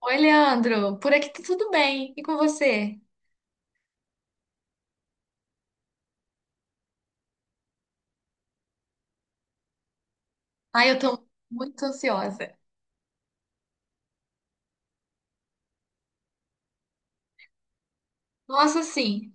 Oi, Leandro. Por aqui tá tudo bem. E com você? Ai, eu tô muito ansiosa. Nossa, sim.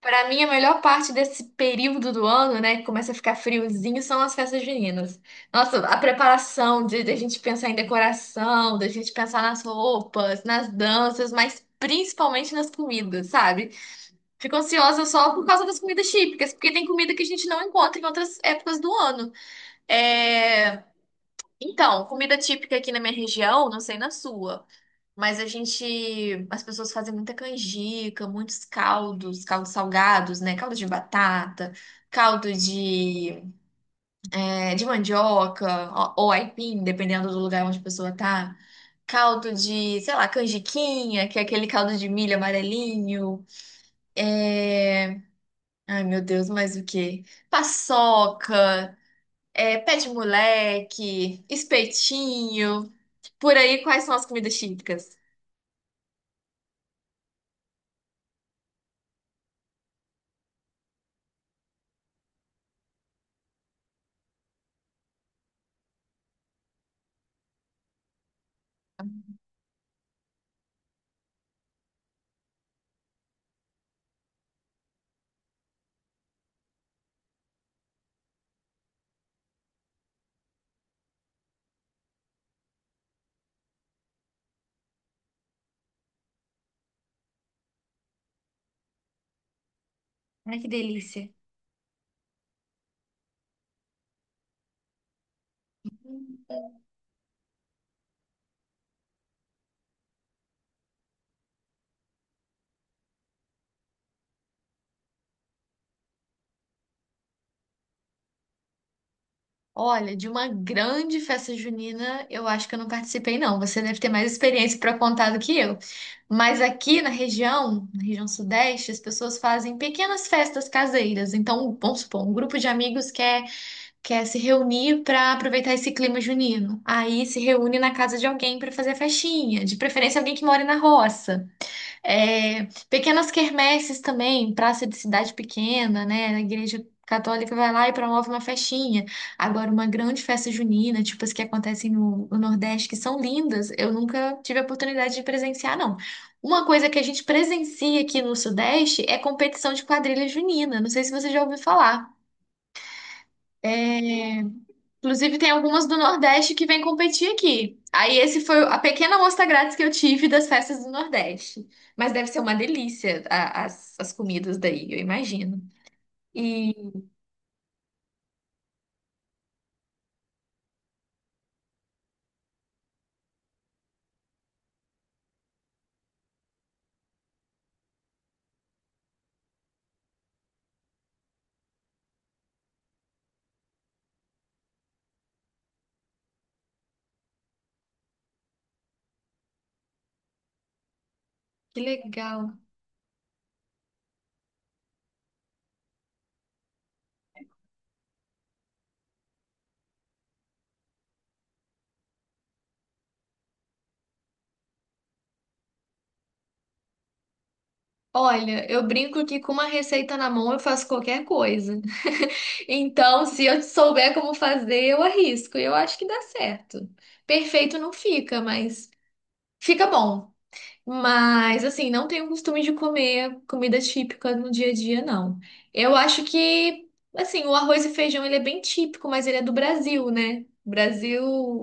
Pra mim, a melhor parte desse período do ano, né, que começa a ficar friozinho, são as festas juninas. Nossa, a preparação de a gente pensar em decoração, da gente pensar nas roupas, nas danças, mas principalmente nas comidas, sabe? Fico ansiosa só por causa das comidas típicas, porque tem comida que a gente não encontra em outras épocas do ano. É... Então, comida típica aqui na minha região, não sei na sua. Mas a gente, as pessoas fazem muita canjica, muitos caldos, caldos salgados, né? Caldo de batata, caldo de, é, de mandioca ou aipim, dependendo do lugar onde a pessoa tá. Caldo de, sei lá, canjiquinha, que é aquele caldo de milho amarelinho. É... Ai, meu Deus, mais o quê? Paçoca, é, pé de moleque, espetinho. Por aí, quais são as comidas típicas? Ai, que delícia. Olha, de uma grande festa junina, eu acho que eu não participei, não. Você deve ter mais experiência para contar do que eu. Mas aqui na região sudeste, as pessoas fazem pequenas festas caseiras. Então, vamos supor, um grupo de amigos quer, quer se reunir para aproveitar esse clima junino. Aí se reúne na casa de alguém para fazer a festinha, de preferência alguém que mora na roça. É, pequenas quermesses também, praça de cidade pequena, né? A igreja católica vai lá e promove uma festinha. Agora, uma grande festa junina, tipo as que acontecem no Nordeste, que são lindas, eu nunca tive a oportunidade de presenciar, não. Uma coisa que a gente presencia aqui no Sudeste é competição de quadrilha junina. Não sei se você já ouviu falar. É, inclusive, tem algumas do Nordeste que vêm competir aqui. Aí, esse foi a pequena amostra grátis que eu tive das festas do Nordeste. Mas deve ser uma delícia as, as comidas daí, eu imagino. E que legal. Olha, eu brinco que com uma receita na mão eu faço qualquer coisa. Então, se eu souber como fazer, eu arrisco. E eu acho que dá certo. Perfeito não fica, mas fica bom. Mas, assim, não tenho costume de comer comida típica no dia a dia, não. Eu acho que, assim, o arroz e feijão, ele é bem típico, mas ele é do Brasil, né? Brasil,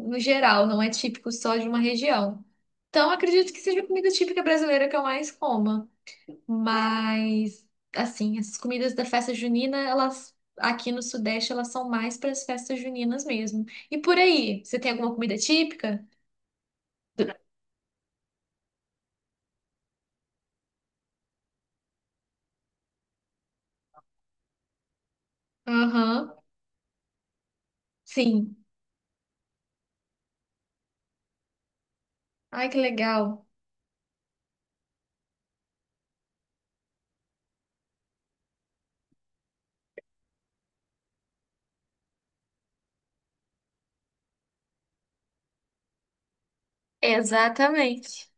no geral, não é típico só de uma região. Então, acredito que seja a comida típica brasileira que eu mais coma. Mas, assim, essas comidas da festa junina, elas, aqui no Sudeste, elas são mais para as festas juninas mesmo. E por aí, você tem alguma comida típica? Aham, sim. Ai, que legal. Exatamente.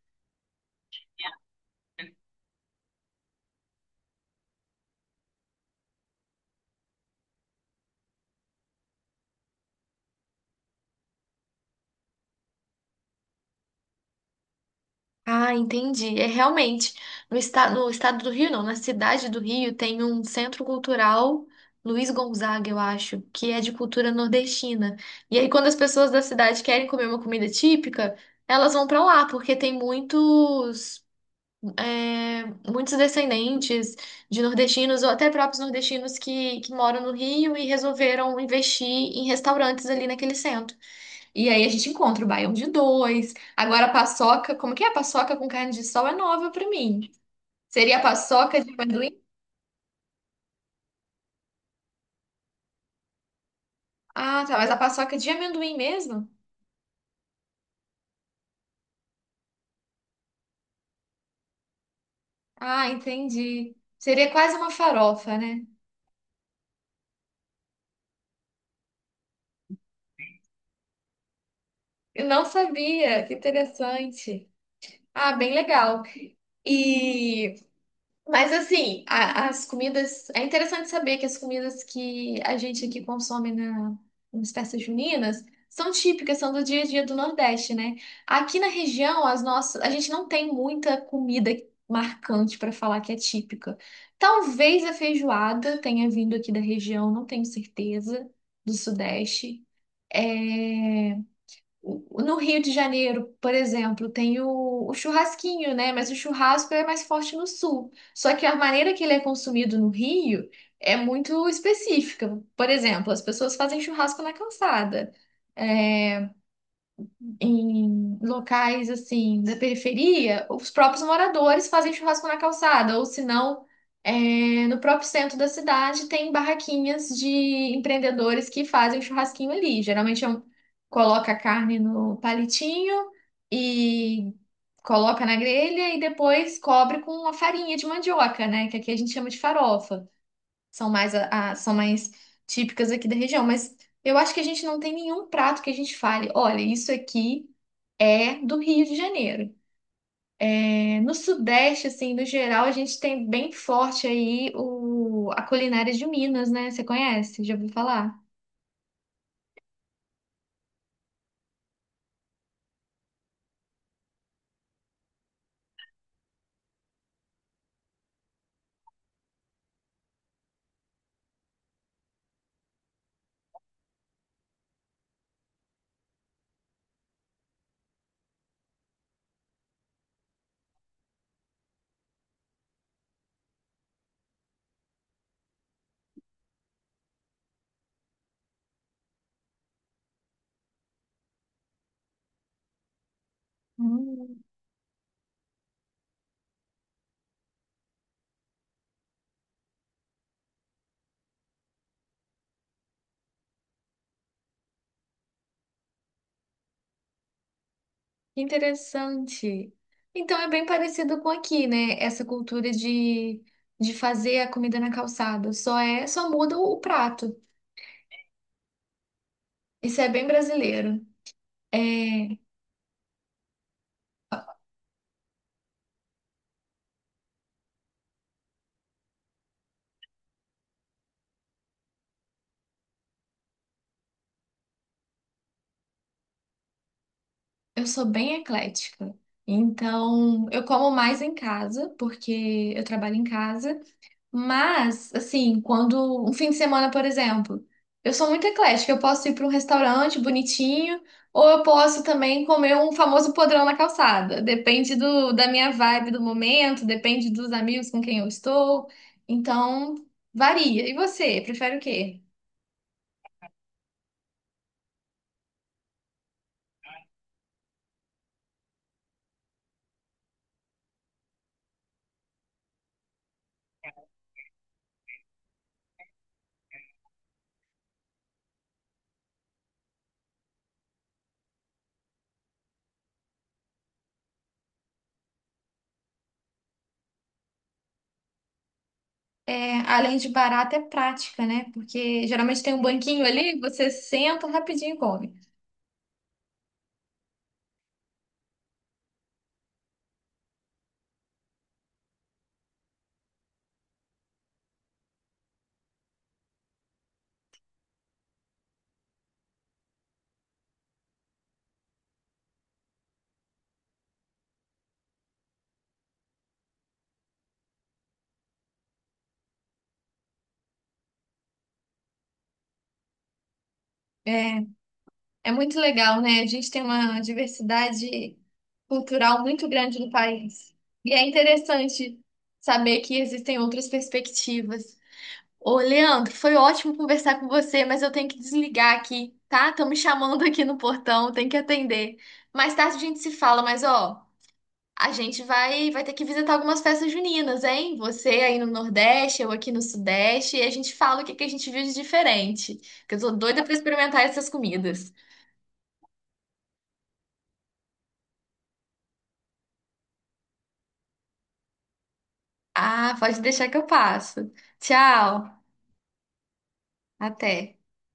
Ah, entendi. É realmente. No estado, no estado do Rio, não, na cidade do Rio, tem um centro cultural Luiz Gonzaga, eu acho, que é de cultura nordestina. E aí, quando as pessoas da cidade querem comer uma comida típica, elas vão pra lá, porque tem muitos, é, muitos descendentes de nordestinos, ou até próprios nordestinos que moram no Rio e resolveram investir em restaurantes ali naquele centro. E aí a gente encontra o baião de dois. Agora a paçoca, como que é? A paçoca com carne de sol é nova pra mim. Seria a paçoca de amendoim? Ah, tá, mas a paçoca de amendoim mesmo? Ah, entendi. Seria quase uma farofa, né? Eu não sabia, que interessante. Ah, bem legal. E mas assim, as comidas. É interessante saber que as comidas que a gente aqui consome na, nas festas juninas são típicas, são do dia a dia do Nordeste, né? Aqui na região, as nossas, a gente não tem muita comida marcante para falar que é típica. Talvez a feijoada tenha vindo aqui da região, não tenho certeza, do Sudeste. É no Rio de Janeiro, por exemplo, tem o churrasquinho, né? Mas o churrasco é mais forte no sul. Só que a maneira que ele é consumido no Rio é muito específica. Por exemplo, as pessoas fazem churrasco na calçada. É, em locais assim da periferia, os próprios moradores fazem churrasco na calçada, ou se não, é, no próprio centro da cidade tem barraquinhas de empreendedores que fazem churrasquinho ali. Geralmente é coloca a carne no palitinho e coloca na grelha e depois cobre com a farinha de mandioca, né? Que aqui a gente chama de farofa. São mais são mais típicas aqui da região, mas eu acho que a gente não tem nenhum prato que a gente fale, olha, isso aqui é do Rio de Janeiro. É, no Sudeste, assim, no geral, a gente tem bem forte aí o, a culinária de Minas, né? Você conhece? Já ouviu falar? Hum, que interessante. Então é bem parecido com aqui, né? Essa cultura de fazer a comida na calçada. Só é, só muda o prato. Isso é bem brasileiro. É, eu sou bem eclética. Então, eu como mais em casa, porque eu trabalho em casa. Mas, assim, quando um fim de semana, por exemplo, eu sou muito eclética, eu posso ir para um restaurante bonitinho, ou eu posso também comer um famoso podrão na calçada. Depende do, da minha vibe do momento, depende dos amigos com quem eu estou. Então, varia. E você, prefere o quê? É, além de barato, é prática, né? Porque geralmente tem um banquinho ali, você senta rapidinho e come. É muito legal, né? A gente tem uma diversidade cultural muito grande no país. E é interessante saber que existem outras perspectivas. Ô, Leandro, foi ótimo conversar com você, mas eu tenho que desligar aqui, tá? Estão me chamando aqui no portão, tenho que atender. Mais tarde a gente se fala, mas ó, a gente vai ter que visitar algumas festas juninas, hein? Você aí no Nordeste, eu aqui no Sudeste, e a gente fala o que que a gente viu de diferente, que eu tô doida pra experimentar essas comidas. Ah, pode deixar que eu passo. Tchau, até.